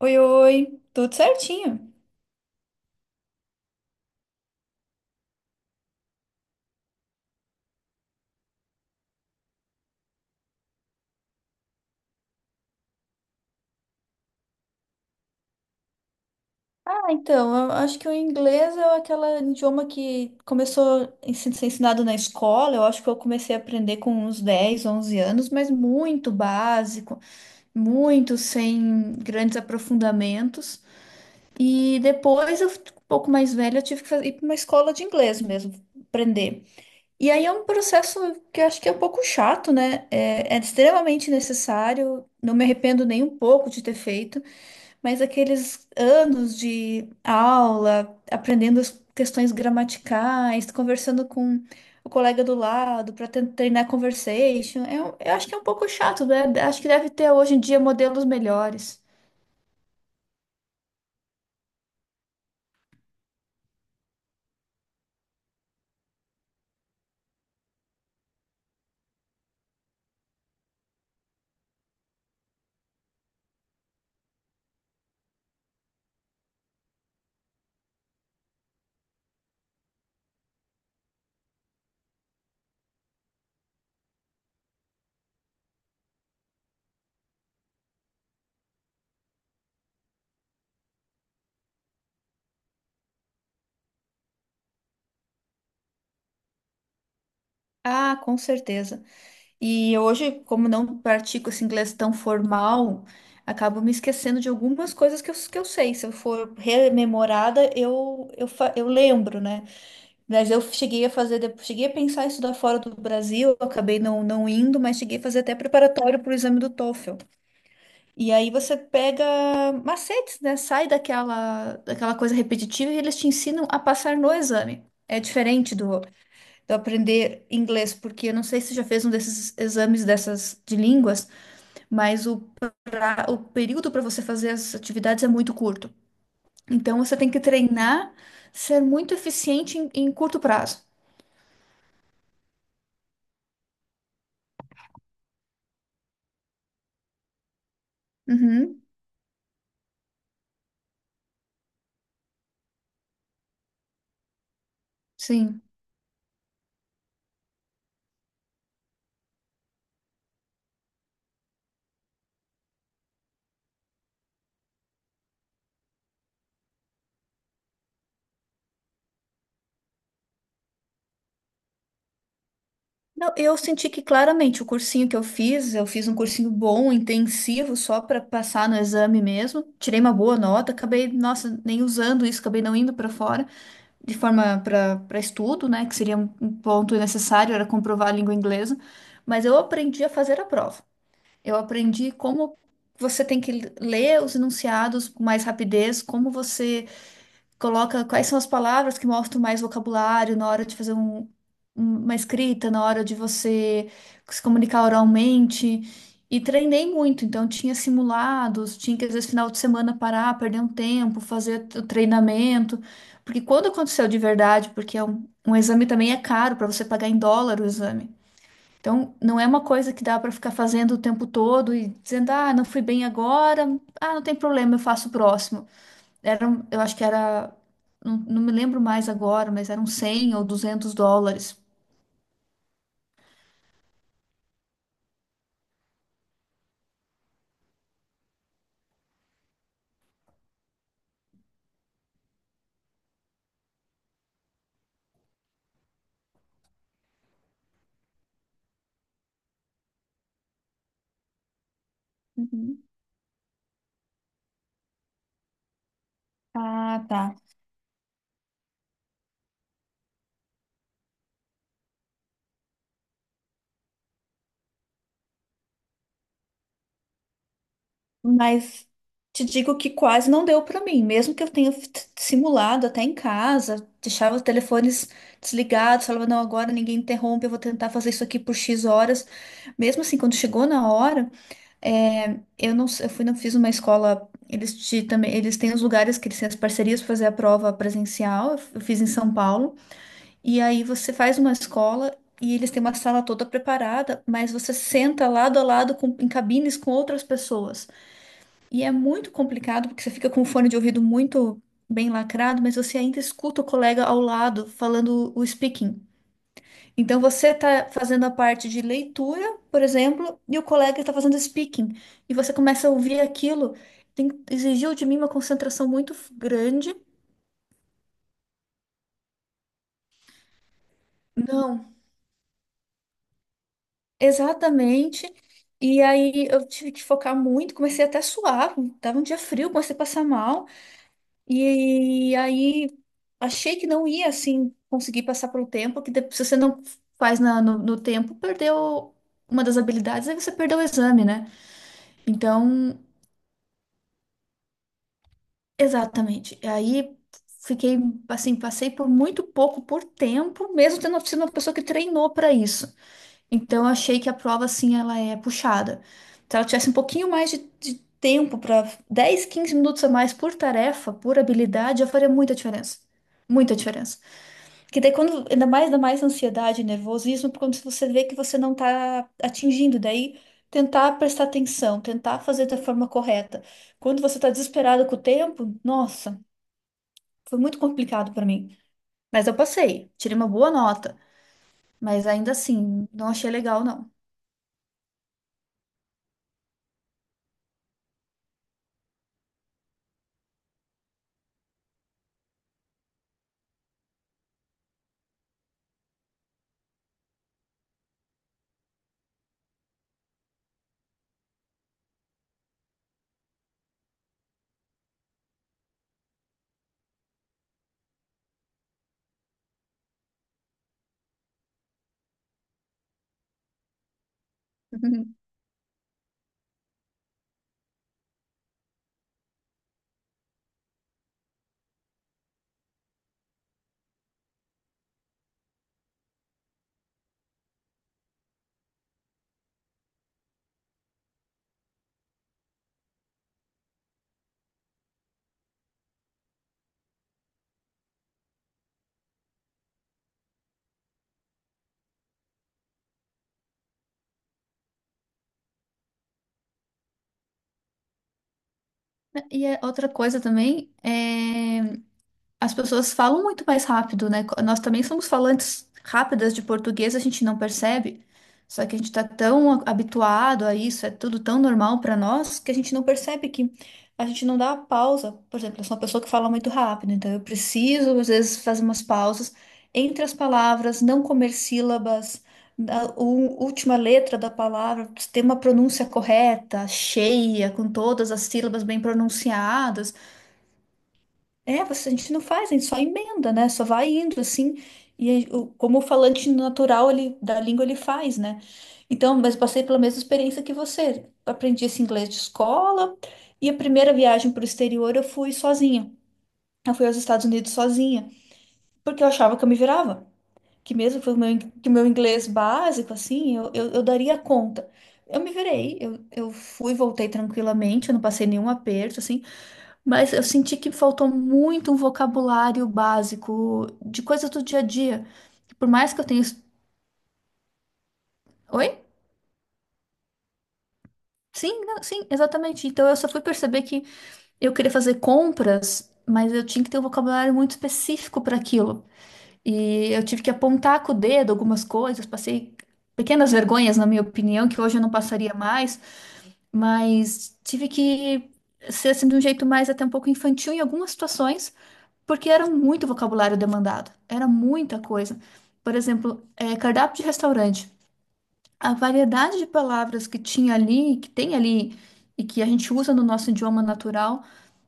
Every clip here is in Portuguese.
Oi, oi, tudo certinho? Ah, então, eu acho que o inglês é aquele idioma que começou a ser ensinado na escola. Eu acho que eu comecei a aprender com uns 10, 11 anos, mas muito básico, muito sem grandes aprofundamentos. E depois, eu, um pouco mais velha, eu tive que ir para uma escola de inglês mesmo, aprender. E aí é um processo que eu acho que é um pouco chato, né? É extremamente necessário, não me arrependo nem um pouco de ter feito. Mas aqueles anos de aula, aprendendo as questões gramaticais, conversando com o colega do lado para treinar conversation, eu acho que é um pouco chato, né? Acho que deve ter hoje em dia modelos melhores. Ah, com certeza. E hoje, como não pratico esse inglês tão formal, acabo me esquecendo de algumas coisas que eu sei. Se eu for rememorada, eu lembro, né? Mas eu cheguei a fazer, depois- cheguei a pensar em estudar fora do Brasil, acabei não indo, mas cheguei a fazer até preparatório para o exame do TOEFL. E aí você pega macetes, né? Sai daquela coisa repetitiva e eles te ensinam a passar no exame. É diferente do aprender inglês, porque eu não sei se você já fez um desses exames dessas de línguas, mas o período para você fazer as atividades é muito curto. Então você tem que treinar, ser muito eficiente em curto prazo. Uhum, sim. Não, eu senti que claramente o cursinho que eu fiz um cursinho bom, intensivo, só para passar no exame mesmo. Tirei uma boa nota, acabei, nossa, nem usando isso, acabei não indo para fora, de forma para estudo, né, que seria um ponto necessário, era comprovar a língua inglesa. Mas eu aprendi a fazer a prova. Eu aprendi como você tem que ler os enunciados com mais rapidez, como você coloca quais são as palavras que mostram mais vocabulário na hora de fazer uma escrita, na hora de você se comunicar oralmente. E treinei muito, então tinha simulados, tinha que às vezes final de semana parar, perder um tempo, fazer o treinamento. Porque quando aconteceu de verdade, porque é um exame também é caro para você pagar em dólar o exame. Então, não é uma coisa que dá para ficar fazendo o tempo todo e dizendo, ah, não fui bem agora, ah, não tem problema, eu faço o próximo eram, eu acho que era, não me lembro mais agora, mas eram 100 ou 200 dólares. Uhum. Ah, tá. Mas te digo que quase não deu pra mim, mesmo que eu tenha simulado até em casa, deixava os telefones desligados, falava, não, agora ninguém interrompe, eu vou tentar fazer isso aqui por X horas. Mesmo assim, quando chegou na hora, é, eu fui, não fiz uma escola, eles te, também, eles têm os lugares que eles têm as parcerias para fazer a prova presencial, eu fiz em São Paulo. E aí você faz uma escola e eles têm uma sala toda preparada, mas você senta lado a lado com- em cabines com outras pessoas. E é muito complicado porque você fica com o fone de ouvido muito bem lacrado, mas você ainda escuta o colega ao lado falando o speaking. Então você está fazendo a parte de leitura, por exemplo, e o colega está fazendo speaking. E você começa a ouvir aquilo. Exigiu de mim uma concentração muito grande. Não, exatamente. E aí eu tive que focar muito, comecei até a suar, tava um dia frio, comecei a passar mal. E aí achei que não ia assim conseguir passar pelo tempo, que depois, se você não faz no tempo, perdeu uma das habilidades, aí você perdeu o exame, né? Então, exatamente. E aí fiquei assim, passei por muito pouco por tempo, mesmo tendo sido uma pessoa que treinou para isso. Então, eu achei que a prova, assim, ela é puxada. Se ela tivesse um pouquinho mais de tempo para 10, 15 minutos a mais por tarefa, por habilidade, já faria muita diferença. Muita diferença. Que daí, quando, ainda mais ansiedade e nervosismo, quando você vê que você não está atingindo, daí tentar prestar atenção, tentar fazer da forma correta. Quando você está desesperado com o tempo, nossa, foi muito complicado para mim. Mas eu passei, tirei uma boa nota, mas ainda assim, não achei legal, não. E é outra coisa também é. As pessoas falam muito mais rápido, né? Nós também somos falantes rápidas de português, a gente não percebe. Só que a gente está habituado a isso, é tudo tão normal para nós, que a gente não percebe que a gente não dá a pausa. Por exemplo, eu sou uma pessoa que fala muito rápido, então eu preciso, às vezes, fazer umas pausas entre as palavras, não comer sílabas, última letra da palavra, ter uma pronúncia correta, cheia, com todas as sílabas bem pronunciadas. É, você, a gente não faz, a gente só emenda, né? Só vai indo assim. E aí, como o falante natural ele, da língua ele faz, né? Então, mas eu passei pela mesma experiência que você. Aprendi esse inglês de escola e a primeira viagem para o exterior eu fui sozinha. Eu fui aos Estados Unidos sozinha, porque eu achava que eu me virava. Que mesmo que que o meu inglês básico, assim, eu daria conta. Eu me virei, eu fui, voltei tranquilamente, eu não passei nenhum aperto, assim. Mas eu senti que faltou muito um vocabulário básico de coisas do dia a dia. Que Por mais que eu tenha. Es- Oi? Sim, não, sim, exatamente. Então eu só fui perceber que eu queria fazer compras, mas eu tinha que ter um vocabulário muito específico para aquilo. E eu tive que apontar com o dedo algumas coisas, passei pequenas vergonhas, na minha opinião, que hoje eu não passaria mais, mas tive que ser assim, de um jeito mais até um pouco infantil em algumas situações. Porque era muito vocabulário demandado, era muita coisa. Por exemplo, cardápio de restaurante. A variedade de palavras que tinha ali, que tem ali, e que a gente usa no nosso idioma natural,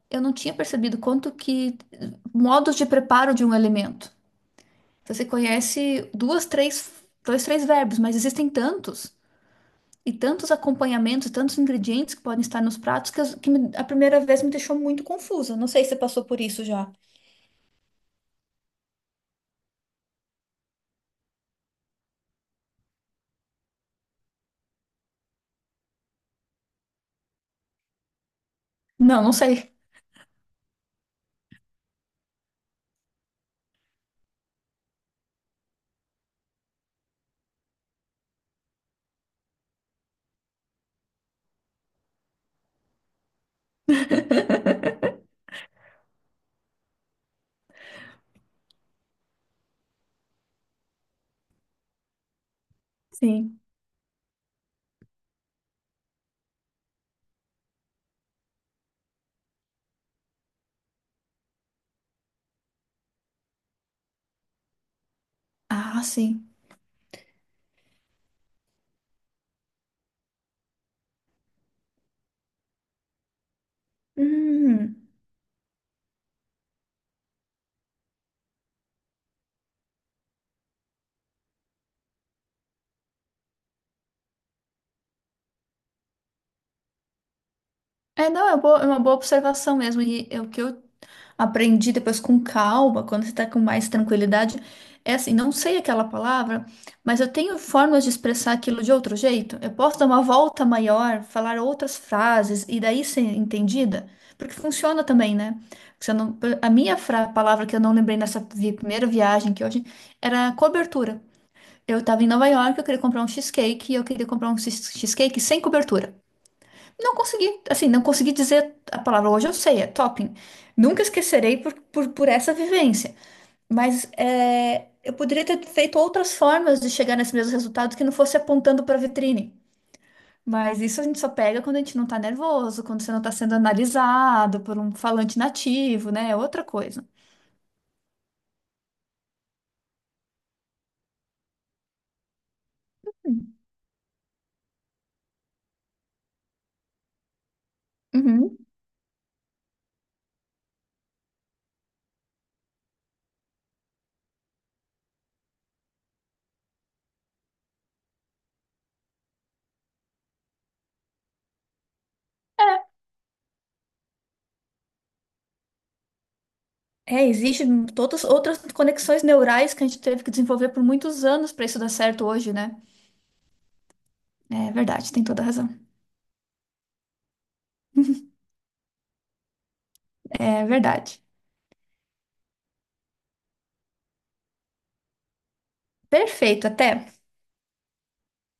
eu não tinha percebido quanto que modos de preparo de um elemento. Você conhece dois, três verbos, mas existem tantos, e tantos acompanhamentos, tantos ingredientes que podem estar nos pratos, que, a primeira vez me deixou muito confusa. Não sei se você passou por isso já. Não, não sei. Sim. Ah, sim. Hum. É, não, é boa- é uma boa observação mesmo. E é o que eu aprendi depois com calma, quando você tá com mais tranquilidade, é assim, não sei aquela palavra, mas eu tenho formas de expressar aquilo de outro jeito. Eu posso dar uma volta maior, falar outras frases e daí ser entendida, porque funciona também, né? Porque se eu não- a minha fra- palavra que eu não lembrei primeira viagem que hoje era cobertura. Eu estava em Nova York, eu queria comprar um cheesecake e eu queria comprar um cheesecake sem cobertura. Não consegui, assim, não consegui dizer a palavra. Hoje eu sei, é topping. Nunca esquecerei por essa vivência. Mas é, eu poderia ter feito outras formas de chegar nesse mesmo resultado que não fosse apontando para a vitrine. Mas isso a gente só pega quando a gente não tá nervoso, quando você não tá sendo analisado por um falante nativo, né? É outra coisa. Uhum. É, existem todas outras conexões neurais que a gente teve que desenvolver por muitos anos para isso dar certo hoje, né? É verdade, tem toda a razão. É verdade. Perfeito, até.